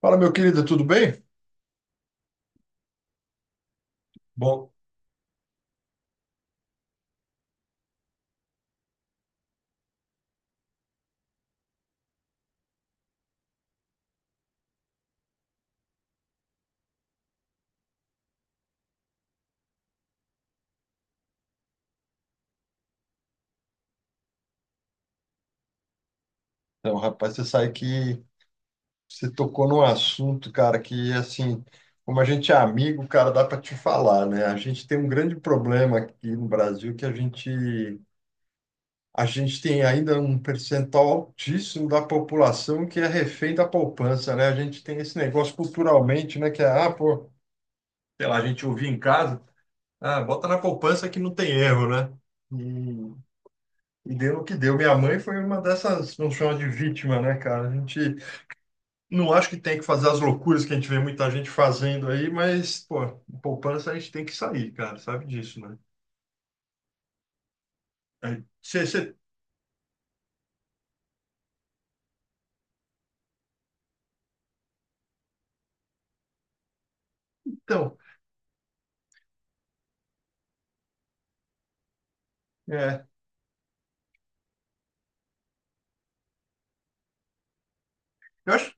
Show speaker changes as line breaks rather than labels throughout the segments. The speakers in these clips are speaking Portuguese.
Fala, meu querido, tudo bem? Bom, então, rapaz, você sabe que Você tocou num assunto, cara, que, assim, como a gente é amigo, cara, dá para te falar, né? A gente tem um grande problema aqui no Brasil que a gente tem ainda um percentual altíssimo da população que é refém da poupança, né? A gente tem esse negócio culturalmente, né? Que é, pô, sei lá, a gente ouvia em casa, ah, bota na poupança que não tem erro, né? E deu no que deu. Minha mãe foi uma dessas, vamos chamar de vítima, né, cara? A gente não acho que tem que fazer as loucuras que a gente vê muita gente fazendo aí, mas, pô, poupança a gente tem que sair, cara, sabe disso, né? Aí, então, é, eu acho que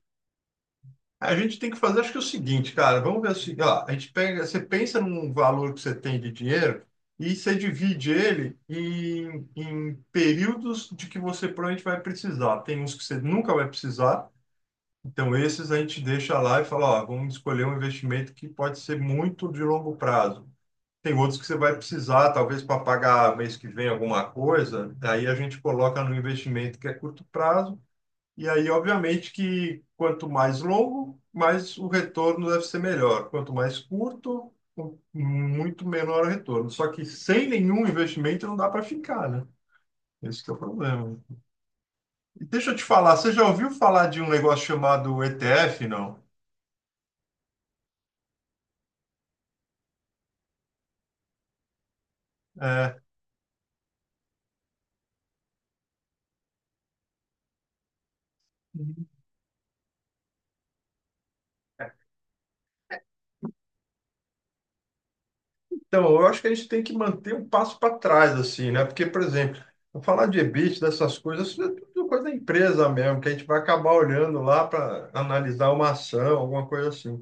a gente tem que fazer, acho que é o seguinte, cara, vamos ver assim ó, a gente pega, você pensa num valor que você tem de dinheiro e você divide ele em, em períodos de que você provavelmente vai precisar. Tem uns que você nunca vai precisar. Então, esses a gente deixa lá e fala, ó, vamos escolher um investimento que pode ser muito de longo prazo. Tem outros que você vai precisar, talvez para pagar mês que vem alguma coisa, aí a gente coloca no investimento que é curto prazo, e aí, obviamente, que quanto mais longo, mais o retorno deve ser melhor. Quanto mais curto, com muito menor o retorno. Só que sem nenhum investimento não dá para ficar, né? Esse que é o problema. E deixa eu te falar, você já ouviu falar de um negócio chamado ETF, não? É, Uhum. Então, eu acho que a gente tem que manter um passo para trás, assim, né? Porque, por exemplo, eu falar de EBIT, dessas coisas, isso é tudo coisa da empresa mesmo, que a gente vai acabar olhando lá para analisar uma ação, alguma coisa assim.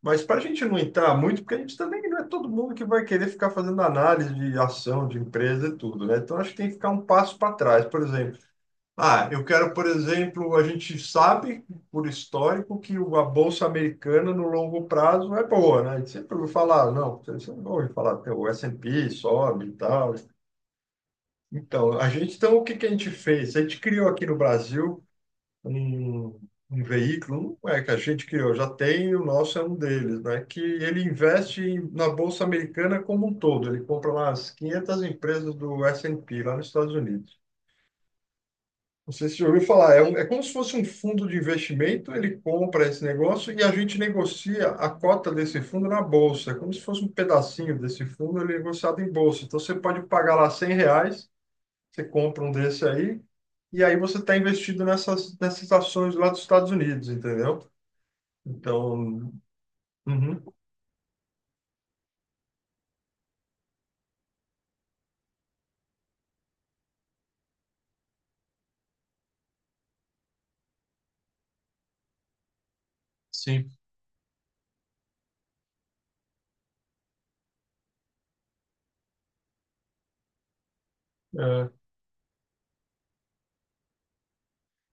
Mas para a gente não entrar muito, porque a gente também não é todo mundo que vai querer ficar fazendo análise de ação, de empresa e tudo, né? Então, acho que tem que ficar um passo para trás. Por exemplo, ah, eu quero, por exemplo, a gente sabe por histórico que a bolsa americana no longo prazo é boa, né? A gente sempre ouviu falar, não, você não ouve falar, tem o S&P sobe e tal. Então, o que que a gente fez? A gente criou aqui no Brasil um, um veículo, não é que a gente criou, já tem, o nosso é um deles, né? Que ele investe na bolsa americana como um todo, ele compra lá as 500 empresas do S&P lá nos Estados Unidos. Não sei se você já ouviu falar, é como se fosse um fundo de investimento, ele compra esse negócio e a gente negocia a cota desse fundo na bolsa. É como se fosse um pedacinho desse fundo, ele é negociado em bolsa. Então você pode pagar lá 100 reais, você compra um desse aí, e aí você está investido nessas ações lá dos Estados Unidos, entendeu? Então, uhum, sim.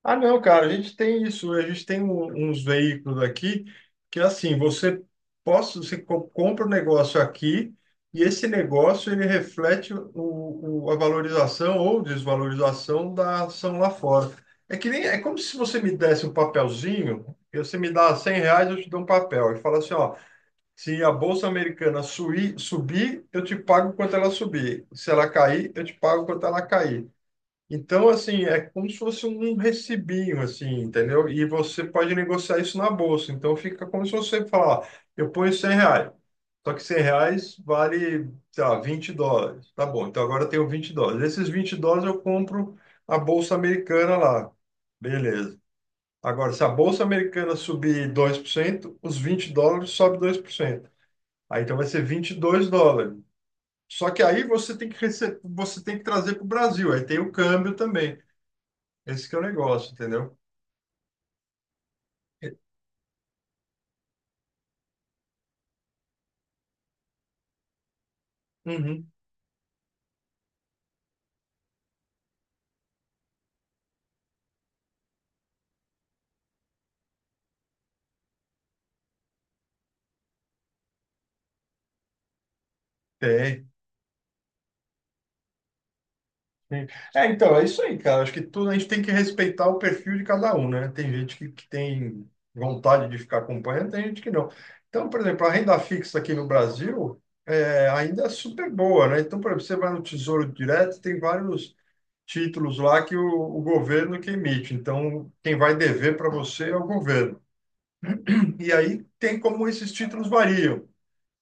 Ah, não, cara, a gente tem isso, a gente tem uns veículos aqui que assim, você possa, você compra um negócio aqui e esse negócio ele reflete a valorização ou desvalorização da ação lá fora. É que nem, é como se você me desse um papelzinho, e você me dá 100 reais, eu te dou um papel e fala assim, ó, se a bolsa americana subir, eu te pago quanto ela subir. Se ela cair, eu te pago quanto ela cair. Então, assim, é como se fosse um recibinho, assim, entendeu? E você pode negociar isso na bolsa. Então, fica como se você falar, ó, eu ponho 100 reais. Só que 100 reais vale, sei lá, 20 dólares. Tá bom, então agora eu tenho 20 dólares. Esses 20 dólares eu compro a bolsa americana lá. Beleza. Agora, se a bolsa americana subir dois por cento, os 20 dólares sobe dois por cento. Aí, então, vai ser 22 dólares. Só que aí você tem que você tem que trazer para o Brasil. Aí tem o câmbio também. Esse que é o negócio, entendeu? Uhum. Tem. Tem. É, então, é isso aí, cara. Acho que tudo a gente tem que respeitar o perfil de cada um, né? Tem gente que tem vontade de ficar acompanhando, tem gente que não. Então, por exemplo, a renda fixa aqui no Brasil ainda é super boa, né? Então, por exemplo, você vai no Tesouro Direto, tem vários títulos lá que o governo que emite. Então, quem vai dever para você é o governo. E aí tem como esses títulos variam.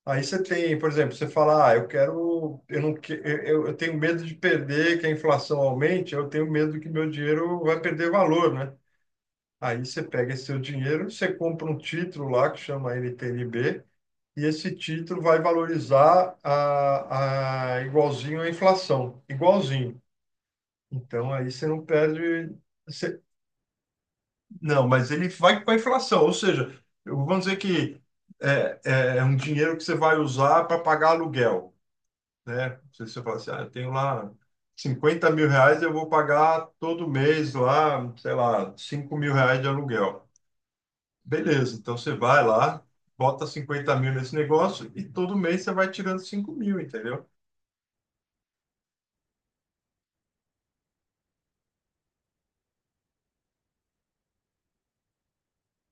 Aí você tem, por exemplo, você fala, ah, eu quero, eu não, eu tenho medo de perder, que a inflação aumente, eu tenho medo que meu dinheiro vai perder valor, né? Aí você pega esse seu dinheiro, você compra um título lá que chama NTNB, e esse título vai valorizar a igualzinho à inflação, igualzinho. Então aí você não perde, você, não, mas ele vai com a inflação, ou seja, vamos dizer que é um dinheiro que você vai usar para pagar aluguel, né? Se você fala assim, ah, eu tenho lá 50 mil reais, eu vou pagar todo mês lá, sei lá, 5 mil reais de aluguel. Beleza, então você vai lá, bota 50 mil nesse negócio e todo mês você vai tirando 5 mil, entendeu?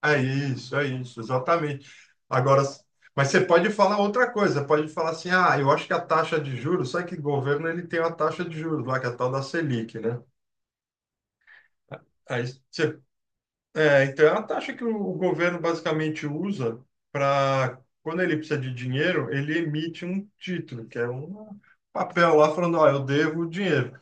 É isso, exatamente. Agora, mas você pode falar outra coisa, pode falar assim, ah, eu acho que a taxa de juros, sabe que o governo ele tem uma taxa de juros lá, que é a tal da Selic, né? Aí você É, então é a taxa que o governo basicamente usa para, quando ele precisa de dinheiro, ele emite um título, que é um papel lá falando, ó, eu devo o dinheiro.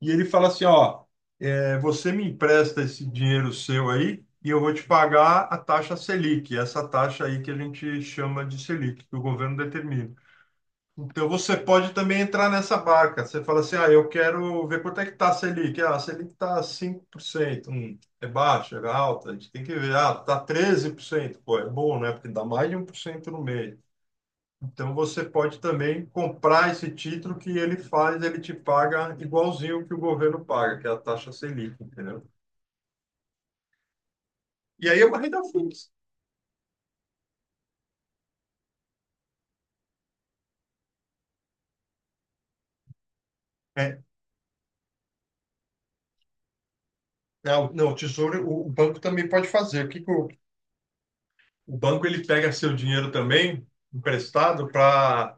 E ele fala assim, ó, você me empresta esse dinheiro seu aí e eu vou te pagar a taxa Selic, essa taxa aí que a gente chama de Selic, que o governo determina. Então você pode também entrar nessa barca. Você fala assim, ah, eu quero ver quanto é que está a Selic. Ah, a Selic está 5%. É baixa, é alta. A gente tem que ver. Ah, está 13%. Pô, é bom, né? Porque dá mais de um por cento no mês. Então você pode também comprar esse título que ele faz, ele te paga igualzinho que o governo paga, que é a taxa Selic, entendeu? E aí é uma renda fixa. É, não, não, o tesouro, o banco também pode fazer. O que que o banco ele pega seu dinheiro também emprestado para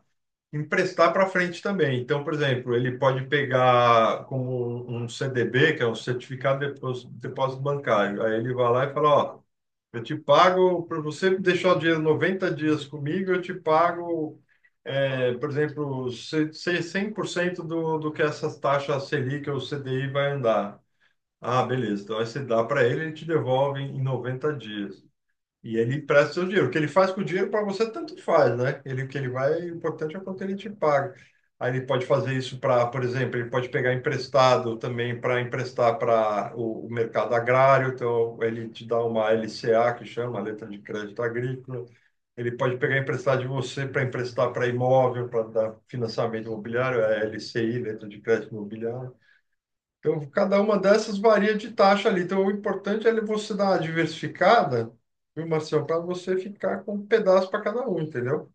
emprestar para frente também. Então, por exemplo, ele pode pegar como um CDB, que é um certificado de depósito, depósito bancário. Aí ele vai lá e fala, ó, eu te pago, para você deixar o dinheiro 90 dias comigo, eu te pago, é, por exemplo, 100% do, do que essas taxas Selic ou CDI vai andar. Ah, beleza. Então, aí você dá para ele, ele te devolve em 90 dias. E ele empresta seu dinheiro. O que ele faz com o dinheiro para você, tanto faz, né? Ele, o que ele vai, o importante é o quanto ele te paga. Aí ele pode fazer isso para, por exemplo, ele pode pegar emprestado também para emprestar para o mercado agrário. Então, ele te dá uma LCA, que chama, letra de crédito agrícola. Ele pode pegar emprestado de você para emprestar para imóvel, para dar financiamento imobiliário, é LCI, letra de crédito imobiliário. Então, cada uma dessas varia de taxa ali. Então, o importante é você dar uma diversificada, viu, Marcião, para você ficar com um pedaço para cada um, entendeu?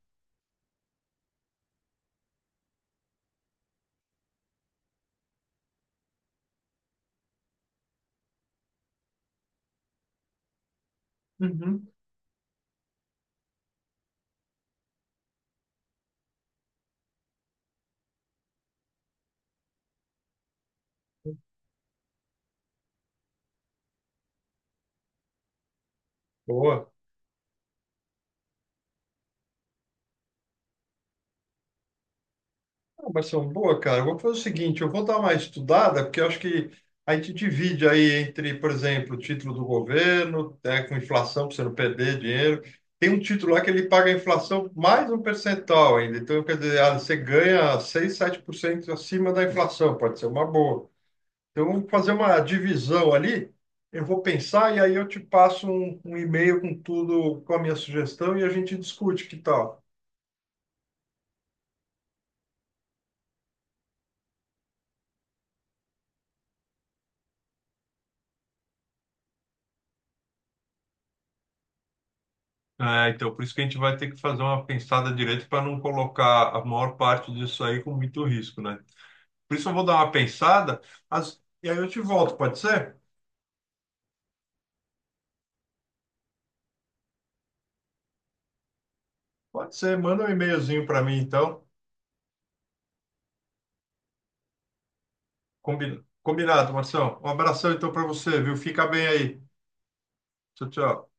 Uhum. Boa. Ah, Marcião, boa, cara. Eu vou fazer o seguinte, eu vou dar uma estudada, porque eu acho que a gente divide aí entre, por exemplo, título do governo, né, com inflação, para você não perder dinheiro. Tem um título lá que ele paga a inflação mais um percentual ainda. Então, quer dizer, ah, você ganha seis, sete por cento acima da inflação, pode ser uma boa. Então, vamos fazer uma divisão ali. Eu vou pensar e aí eu te passo um e-mail com tudo, com a minha sugestão e a gente discute, que tal? É, então, por isso que a gente vai ter que fazer uma pensada direito para não colocar a maior parte disso aí com muito risco, né? Por isso eu vou dar uma pensada, e aí eu te volto, pode ser? Pode ser, manda um e-mailzinho para mim, então. Combinado, Marção. Um abração, então, para você, viu? Fica bem aí. Tchau, tchau.